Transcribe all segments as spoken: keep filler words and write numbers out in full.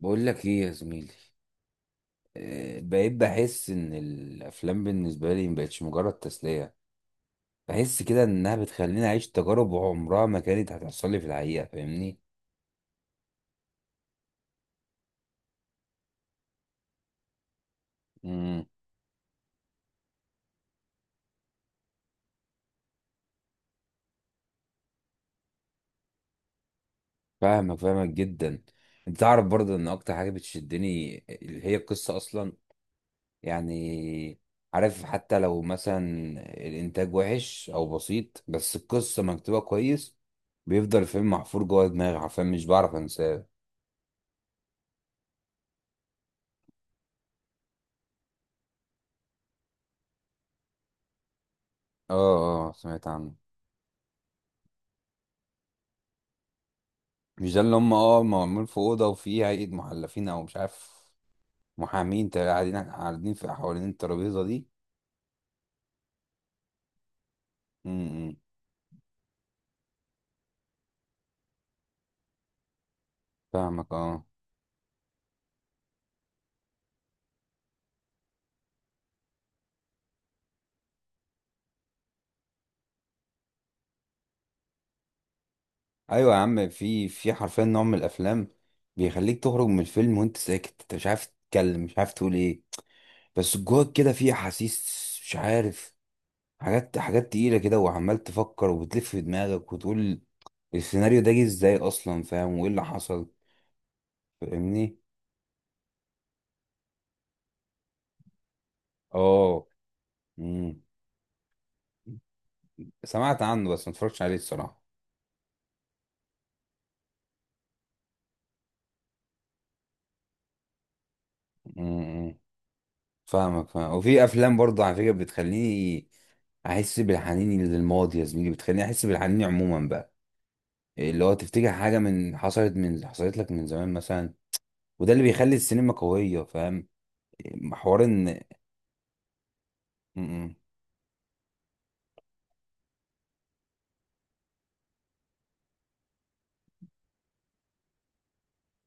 بقول لك ايه يا زميلي؟ آه، بقيت بحس ان الافلام بالنسبه لي مبقتش مجرد تسليه. بحس كده انها بتخليني اعيش تجارب عمرها ما كانت هتحصل لي في الحقيقه، فاهمني؟ امم فاهمك، فاهمك جدا. انت تعرف برضه ان اكتر حاجه بتشدني اللي هي القصه اصلا. يعني عارف، حتى لو مثلا الانتاج وحش او بسيط بس القصه مكتوبه كويس، بيفضل الفيلم محفور جوه دماغي، عارفين؟ مش بعرف انساه. اه اه، سمعت عنه. مش ده اللي هم اه معمول في اوضه وفيه هيئه محلفين او مش عارف؟ محامين تا- قاعدين، قاعدين في حوالين الترابيزه دي. امم فاهمك، اه. ايوه يا عم، في في حرفيا نوع من الافلام بيخليك تخرج من الفيلم وانت ساكت، انت مش عارف تتكلم، مش عارف تقول ايه. بس جواك كده في احاسيس، مش عارف، حاجات حاجات تقيله كده، وعمال تفكر وبتلف في دماغك وتقول السيناريو ده جه ازاي اصلا، فاهم؟ وايه اللي حصل. فاهمني؟ اه. امم سمعت عنه بس ما اتفرجتش عليه الصراحه. مم. فاهمك، فاهم. وفي افلام برضه على فكره بتخليني احس بالحنين للماضي يا زميلي، بتخليني احس بالحنين عموما بقى، اللي هو تفتكر حاجه من حصلت من حصلت لك من زمان مثلا. وده اللي بيخلي السينما قويه، فاهم؟ حوار ان… مم.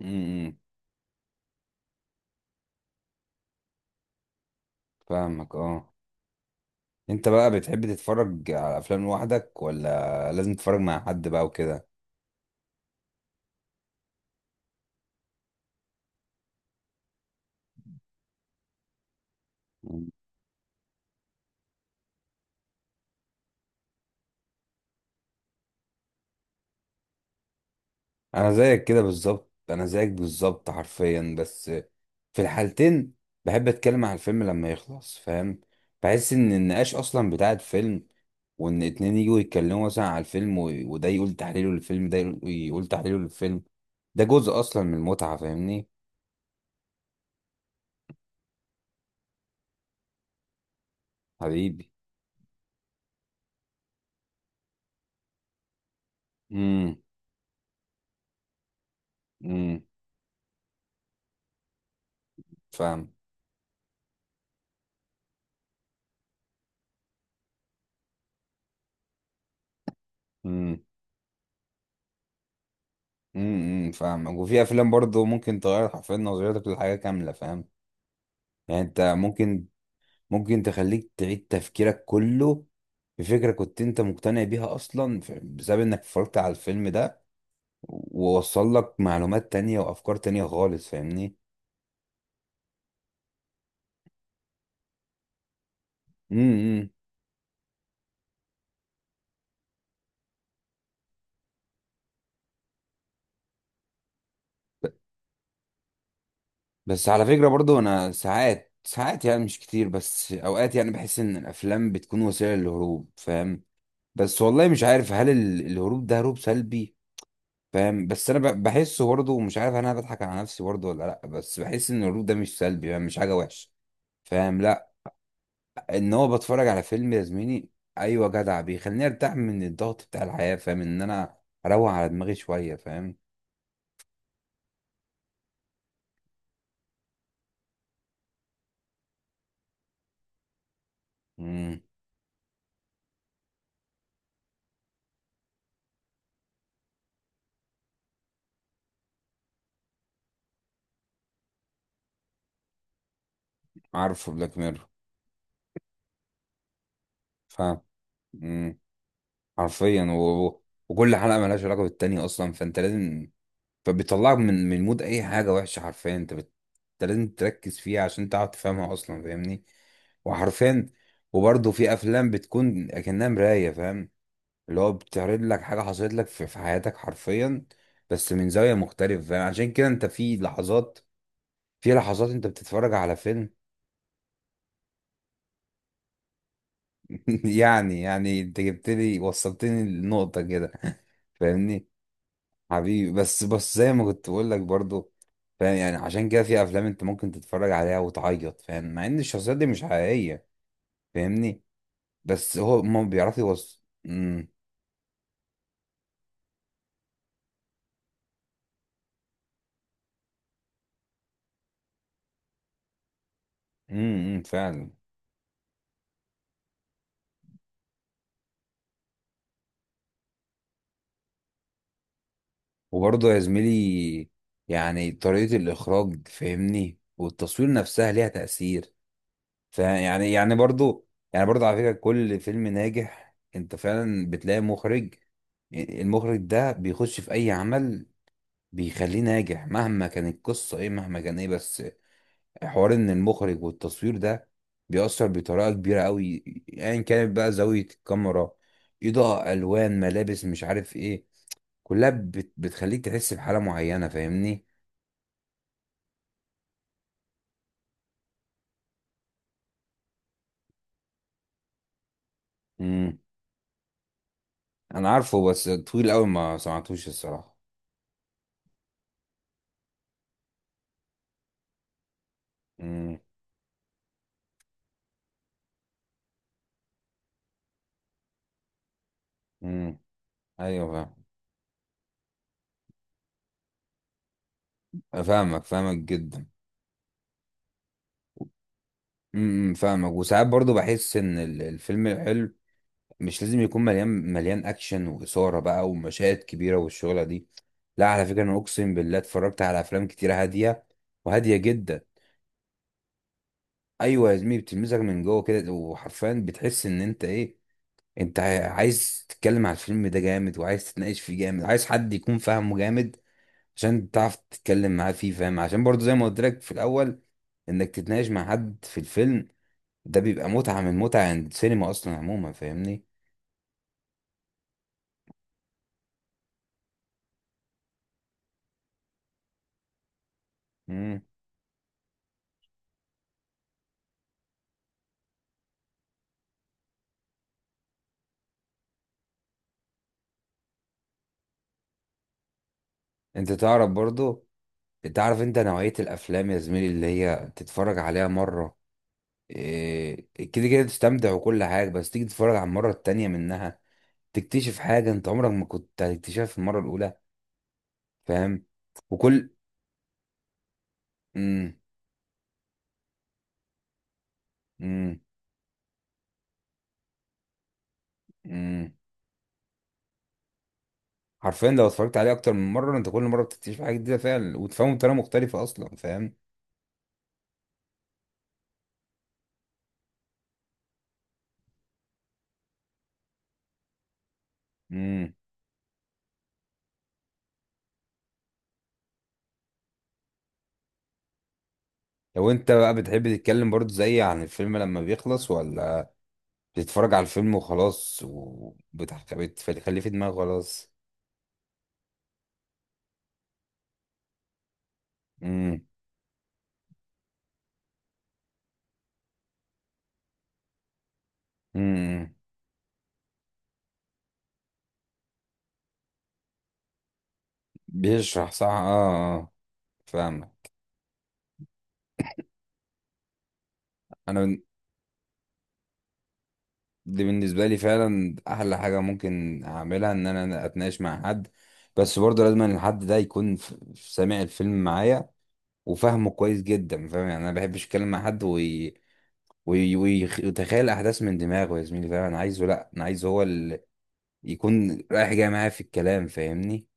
مم. فاهمك، اه. انت بقى بتحب تتفرج على افلام لوحدك، ولا لازم تتفرج مع حد بقى وكده؟ مم. انا زيك كده بالظبط، انا زيك بالظبط حرفيا. بس في الحالتين بحب اتكلم على الفيلم لما يخلص، فاهم؟ بحس ان النقاش اصلا بتاع الفيلم، وان اتنين يجوا يتكلموا مثلا على الفيلم و- وده يقول تحليله للفيلم، ده يقول، يقول تحليله للفيلم. ده جزء اصلا من المتعة، فاهمني؟ حبيبي. امم امم فاهم امم امم فاهم. وفي افلام برضه ممكن تغير حرفيا نظرتك للحاجة كاملة، فاهم؟ يعني انت ممكن، ممكن تخليك تعيد تفكيرك كله في فكرة كنت انت مقتنع بيها اصلا، ف- بسبب انك اتفرجت على الفيلم ده. ووصل لك معلومات تانية وافكار تانية خالص، فاهمني؟ امم بس على فكرة برضو انا ساعات، ساعات يعني مش كتير، بس اوقات يعني بحس ان الافلام بتكون وسيلة للهروب، فاهم؟ بس والله مش عارف هل ال- الهروب ده هروب سلبي. فاهم؟ بس انا ب- بحسه برضو، مش عارف انا بضحك على نفسي برضو ولا لا، بس بحس ان الهروب ده مش سلبي، يعني مش حاجة وحشة. فاهم؟ ان هو بتفرج على فيلم يا زميلي. ايوه جدع، بيخليني ارتاح من الضغط بتاع الحياه، فاهم؟ ان انا اروق على دماغي شويه، فاهم؟ امم عارفه بلاك ميرور. فاهم. امم حرفيا. و... و- وكل حلقه ملهاش علاقه بالتانيه اصلا، فانت لازم… فبيطلعك من من مود اي حاجه وحشه حرفيا، انت بت... انت لازم تركز فيها عشان تعرف تفهمها اصلا، فاهمني؟ وحرفيا، وبرضه في افلام بتكون اكنها مرايه، فاهم؟ اللي هو بتعرض لك حاجة حصلت لك في في حياتك حرفيا، بس من زاوية مختلفة. يعني عشان كده انت في لحظات، في لحظات انت بتتفرج على فيلم… يعني، يعني انت جبت لي، وصلتني للنقطة كده. فاهمني؟ حبيبي. بس بس زي ما كنت بقول لك برضو، فاهم؟ يعني عشان كده في افلام انت ممكن تتفرج عليها وتعيط، فاهم؟ مع ان الشخصيات دي مش حقيقية. فاهمني؟ بس هو ما بيعرف يوصل. امم امم امم، فعلا. وبرضه يا زميلي يعني طريقة الإخراج، فاهمني؟ والتصوير نفسها ليها تأثير. فيعني يعني يعني برضه، يعني برضه على فكرة كل فيلم ناجح أنت فعلا بتلاقي مخرج. المخرج ده بيخش في أي عمل بيخليه ناجح مهما كانت القصة إيه، مهما كان إيه. بس حوار إن المخرج والتصوير ده بيأثر بطريقة كبيرة أوي، أيا يعني كانت بقى زاوية الكاميرا، إضاءة، ألوان، ملابس، مش عارف إيه. كلها بت- بتخليك تحس بحالة معينة، فاهمني؟ امم انا عارفه بس طويل قوي ما سمعتوش الصراحه. امم امم ايوه فاهم. فاهمك، فاهمك جدا. امم فاهمك. وساعات برضو بحس ان ال- الفيلم الحلو مش لازم يكون مليان مليان اكشن واثاره بقى ومشاهد كبيره والشغله دي. لا على فكره، انا اقسم بالله اتفرجت على افلام كتيره هاديه، وهاديه جدا. ايوه يا زميلي، بتلمسك من جوه كده، وحرفيا بتحس ان انت ايه؟ انت عايز تتكلم على الفيلم ده جامد، وعايز تتناقش فيه جامد، عايز حد يكون فاهمه جامد عشان تعرف تتكلم معاه فيه، فاهم؟ عشان برضو زي ما قلت لك في الاول، انك تتناقش مع حد في الفيلم ده بيبقى متعة من متع عند السينما اصلا عموما، فاهمني؟ مم. انت تعرف برضو، تعرف انت نوعية الافلام يا زميلي اللي هي تتفرج عليها مرة، إيه، كده كده تستمتع وكل حاجة، بس تيجي تتفرج على المرة التانية منها تكتشف حاجة انت عمرك ما كنت هتكتشفها في المرة الاولى. فاهم؟ وكل… مم. مم. مم. حرفيا لو اتفرجت عليه اكتر من مره انت كل مره بتكتشف حاجه جديده فعلا، وتفهمه بطريقه مختلفه اصلا، فاهم؟ امم لو انت بقى بتحب تتكلم برضو زي عن الفيلم لما بيخلص، ولا بتتفرج على الفيلم وخلاص وبتخليه في دماغك خلاص؟ امم امم بيشرح، صح، اه اه. فاهمك. انا بن- دي بالنسبه لي فعلا احلى حاجه ممكن اعملها، ان انا اتناقش مع حد. بس برضه لازم إن الحد ده يكون ف- سامع الفيلم معايا وفهمه كويس جدا، فاهم؟ يعني انا ما بحبش اتكلم مع حد وي... وي... وي- ويتخيل الاحداث من دماغه يا زميلي، فاهم؟ انا عايزه، لا انا عايزه هو اللي يكون رايح جاي معايا في الكلام، فاهمني؟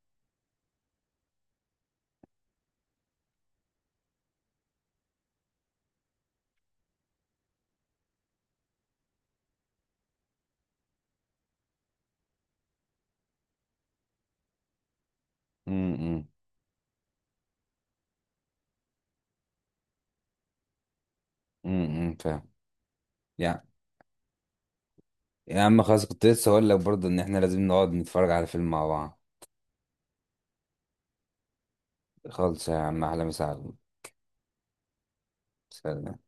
امم امم فاهم. يعني يا عم خلاص كنت لسه هقول لك برضه ان احنا لازم نقعد نتفرج على فيلم مع بعض. خالص يا عم، احلى مسا عليك. سلام.